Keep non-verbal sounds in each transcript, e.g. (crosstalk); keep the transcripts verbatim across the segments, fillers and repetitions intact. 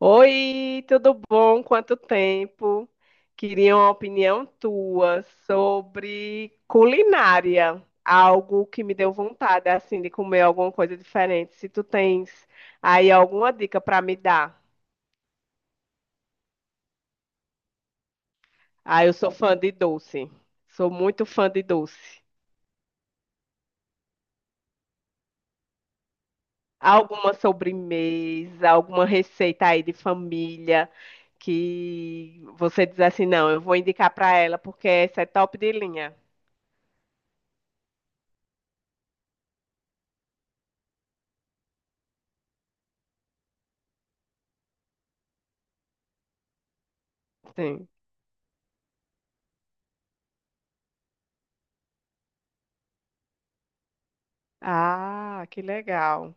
Oi, tudo bom? Quanto tempo? Queria uma opinião tua sobre culinária, algo que me deu vontade assim de comer alguma coisa diferente. Se tu tens aí alguma dica para me dar. Ah, eu sou fã de doce. Sou muito fã de doce. Alguma sobremesa, alguma receita aí de família que você diz assim, não, eu vou indicar para ela porque essa é top de linha. Sim. Ah, que legal.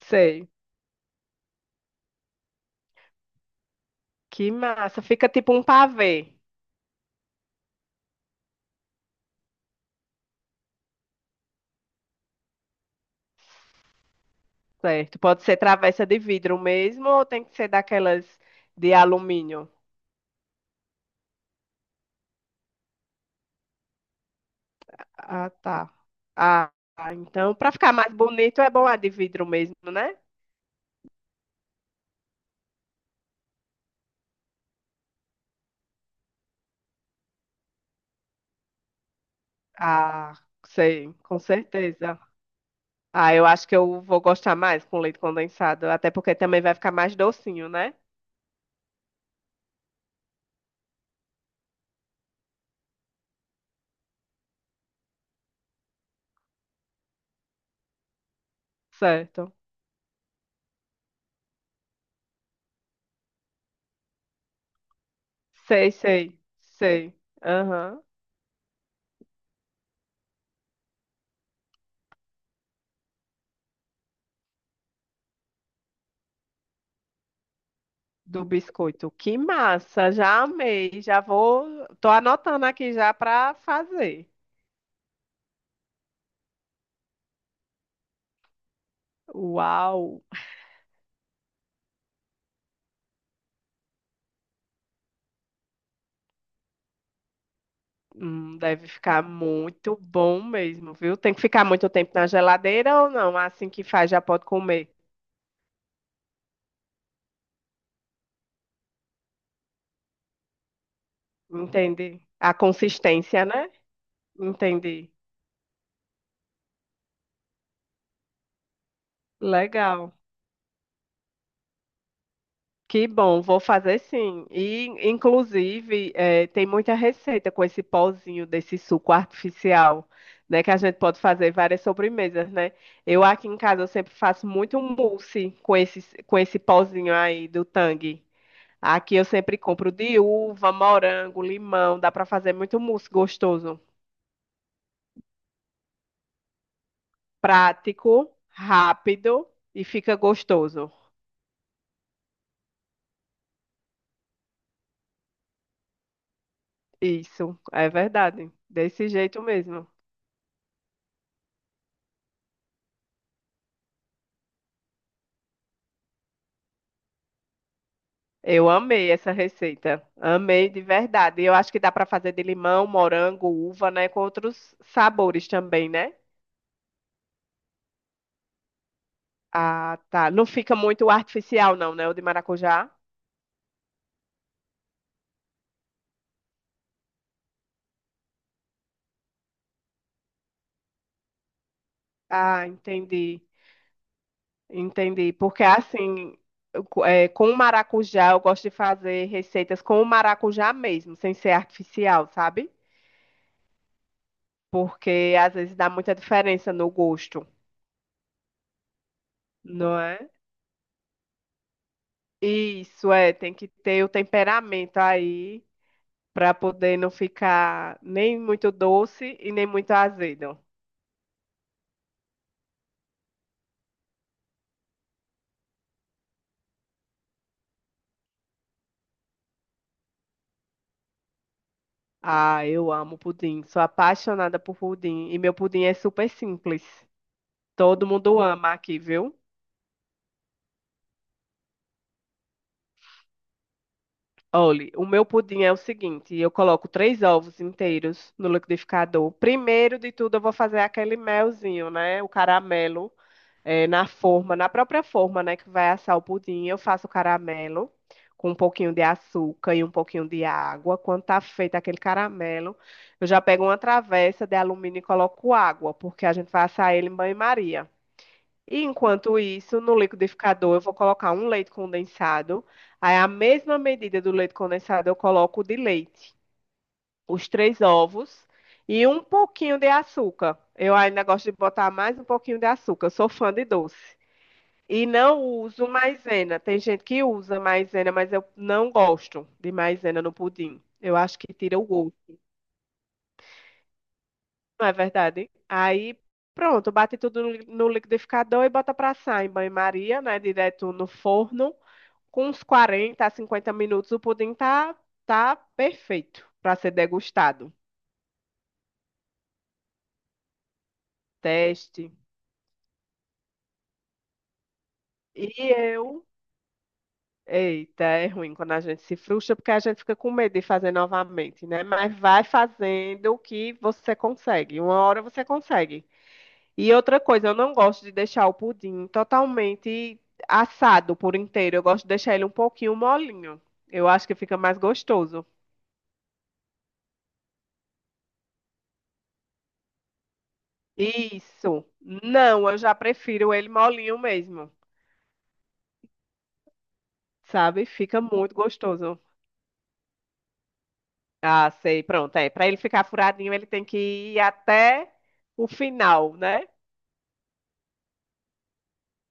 Sei. Que massa. Fica tipo um pavê, certo? Pode ser travessa de vidro mesmo ou tem que ser daquelas de alumínio? Ah, tá. Ah, então para ficar mais bonito é bom a de vidro mesmo, né? Ah, sei, com certeza. Ah, eu acho que eu vou gostar mais com leite condensado, até porque também vai ficar mais docinho, né? Certo. Sei, sei, sei. Aham. Do biscoito. Que massa, já amei, já vou, tô anotando aqui já para fazer. Uau, hum, deve ficar muito bom mesmo, viu? Tem que ficar muito tempo na geladeira ou não? Assim que faz já pode comer. Entendi. A consistência, né? Entendi. Legal. Que bom, vou fazer sim. E, inclusive, eh, tem muita receita com esse pozinho desse suco artificial, né? Que a gente pode fazer várias sobremesas, né? Eu aqui em casa eu sempre faço muito mousse com esse, com esse pozinho aí do Tang. Aqui eu sempre compro de uva, morango, limão. Dá para fazer muito mousse gostoso. Prático, rápido e fica gostoso. Isso, é verdade. Desse jeito mesmo. Eu amei essa receita. Amei de verdade. E Eu acho que dá para fazer de limão, morango, uva, né? Com outros sabores também, né? Ah, tá. Não fica muito artificial, não, né? O de maracujá. Ah, entendi. Entendi. Porque assim, eu co- é, com o maracujá, eu gosto de fazer receitas com o maracujá mesmo, sem ser artificial, sabe? Porque às vezes dá muita diferença no gosto, não é? Isso, é. Tem que ter o temperamento aí. para poder não ficar nem muito doce e nem muito azedo. Ah, eu amo pudim, sou apaixonada por pudim e meu pudim é super simples. Todo mundo ama aqui, viu? Olhe, o meu pudim é o seguinte: eu coloco três ovos inteiros no liquidificador. Primeiro de tudo, eu vou fazer aquele melzinho, né? O caramelo. É, na forma, na própria forma, né, que vai assar o pudim, eu faço o caramelo com um pouquinho de açúcar e um pouquinho de água. Quando tá feito aquele caramelo, eu já pego uma travessa de alumínio e coloco água, porque a gente vai assar ele em banho-maria. E enquanto isso, no liquidificador, eu vou colocar um leite condensado. Aí, a mesma medida do leite condensado, eu coloco de leite, os três ovos e um pouquinho de açúcar. Eu ainda gosto de botar mais um pouquinho de açúcar. Eu sou fã de doce. E não uso maisena. Tem gente que usa maisena, mas eu não gosto de maisena no pudim. Eu acho que tira o gosto, não é verdade? Aí, pronto, bate tudo no li- no liquidificador e bota pra assar em banho-maria, né? Direto no forno. Com uns quarenta a cinquenta minutos, o pudim tá, tá perfeito para ser degustado. Teste. E eu Eita, é ruim quando a gente se frustra, porque a gente fica com medo de fazer novamente, né? Mas vai fazendo o que você consegue. Uma hora você consegue. E outra coisa, eu não gosto de deixar o pudim totalmente assado por inteiro. Eu gosto de deixar ele um pouquinho molinho. Eu acho que fica mais gostoso. Isso. Não, eu já prefiro ele molinho mesmo, sabe? Fica muito gostoso. Ah, sei. Pronto, é. Para ele ficar furadinho, ele tem que ir até o final, né?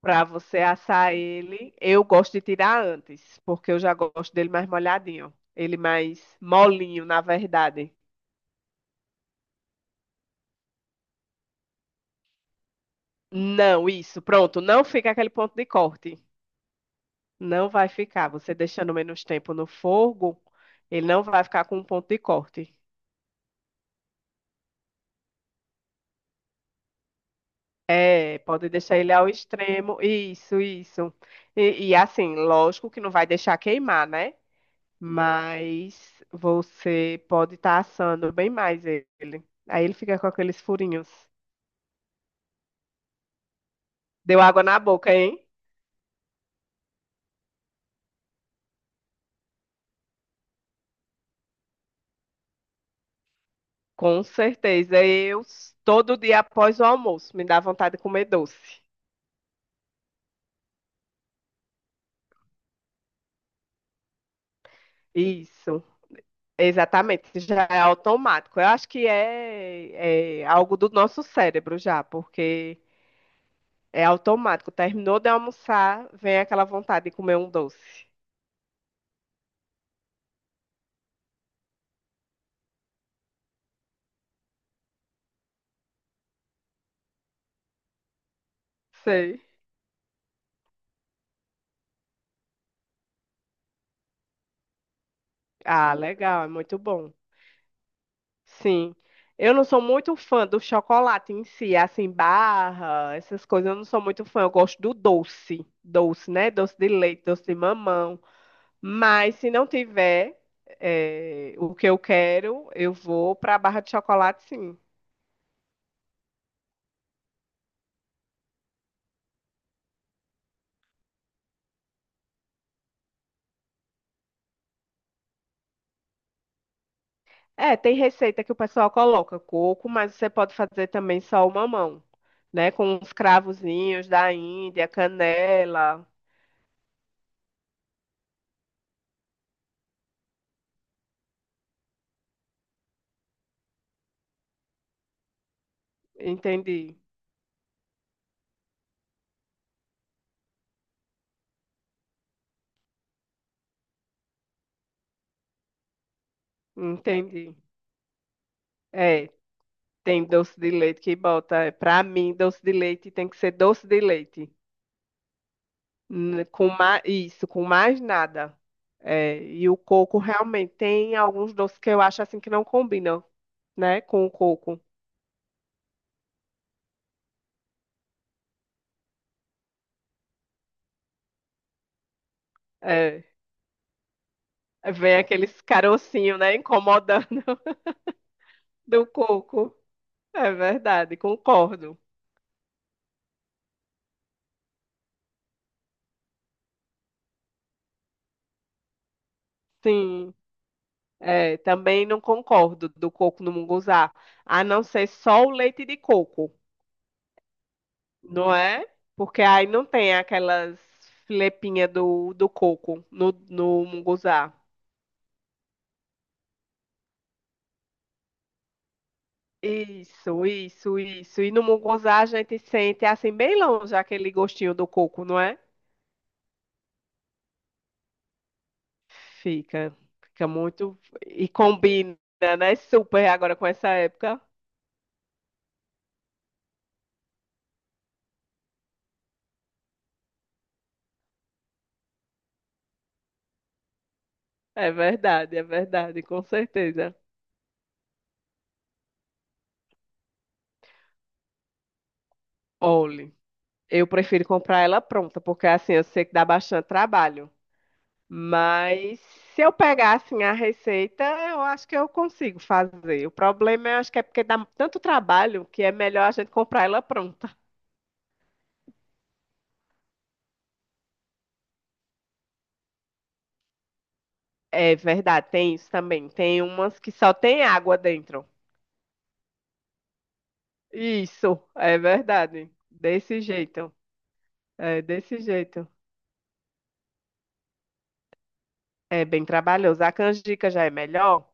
Para você assar ele, eu gosto de tirar antes, porque eu já gosto dele mais molhadinho. Ele mais molinho, na verdade. Não, isso, pronto. Não fica aquele ponto de corte. Não vai ficar. Você deixando menos tempo no fogo, ele não vai ficar com um ponto de corte. É, pode deixar ele ao extremo. Isso, isso. E, e assim, lógico que não vai deixar queimar, né? Mas você pode estar assando bem mais ele. Aí ele fica com aqueles furinhos. Deu água na boca, hein? Com certeza. Eu, s- todo dia após o almoço, me dá vontade de comer doce. Isso, exatamente. Já é automático. Eu acho que é, é algo do nosso cérebro já, porque é automático. Terminou de almoçar, vem aquela vontade de comer um doce. Sei. Ah, legal, é muito bom. Sim. Eu não sou muito fã do chocolate em si, assim, barra, essas coisas, eu não sou muito fã. Eu gosto do doce, doce, né? Doce de leite, doce de mamão. Mas se não tiver eh, o que eu quero, eu vou para a barra de chocolate, sim. É, tem receita que o pessoal coloca coco, mas você pode fazer também só o mamão, né? Com os cravozinhos da Índia, canela. Entendi, entendi. é Tem doce de leite que bota. é, Pra mim, doce de leite tem que ser doce de leite. N- Com mais, isso, com mais nada. É, e o coco realmente tem alguns doces que eu acho assim que não combinam, né, com o coco. É, vem aqueles carocinhos, né, incomodando (laughs) do coco. É verdade, concordo. Sim, é, também não concordo do coco no munguzá. A não ser só o leite de coco. não é? Porque aí não tem aquelas filepinhas do, do coco no, no munguzá. Isso, isso, isso. E no munguzá a gente sente assim bem longe aquele gostinho do coco, não é? Fica, fica muito e combina, né? Super agora com essa época. É verdade, é verdade, com certeza. Olhe, eu prefiro comprar ela pronta, porque assim eu sei que dá bastante trabalho. Mas se eu pegar assim a receita, eu acho que eu consigo fazer. O problema eu acho que é porque dá tanto trabalho que é melhor a gente comprar ela pronta. É verdade, tem isso também. Tem umas que só tem água dentro. Isso, é verdade. Desse jeito. É desse jeito. É bem trabalhoso. A canjica já é melhor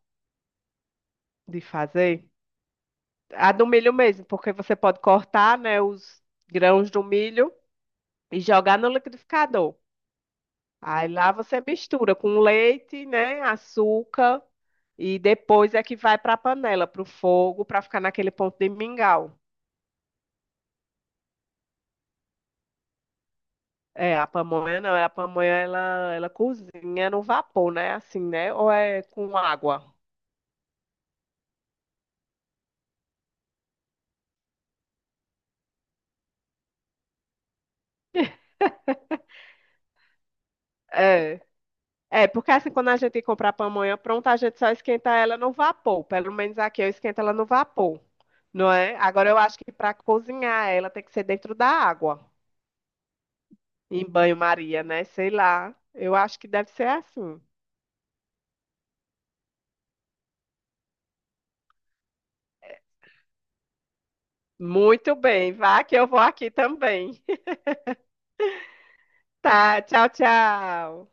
de fazer. A do milho mesmo, porque você pode cortar, né, os grãos do milho e jogar no liquidificador. Aí lá você mistura com leite, né, açúcar e depois é que vai para a panela, para o fogo, para ficar naquele ponto de mingau. É, a pamonha não, a pamonha ela, ela cozinha no vapor, né, assim, né, ou é com água. É. É, porque assim, quando a gente compra a pamonha pronta, a gente só esquenta ela no vapor. Pelo menos aqui eu esquento ela no vapor, não é? Agora eu acho que para cozinhar ela tem que ser dentro da água, em banho-maria, né? Sei lá. Eu acho que deve ser assim. Muito bem, vá que eu vou aqui também. (laughs) Tá, tchau, tchau.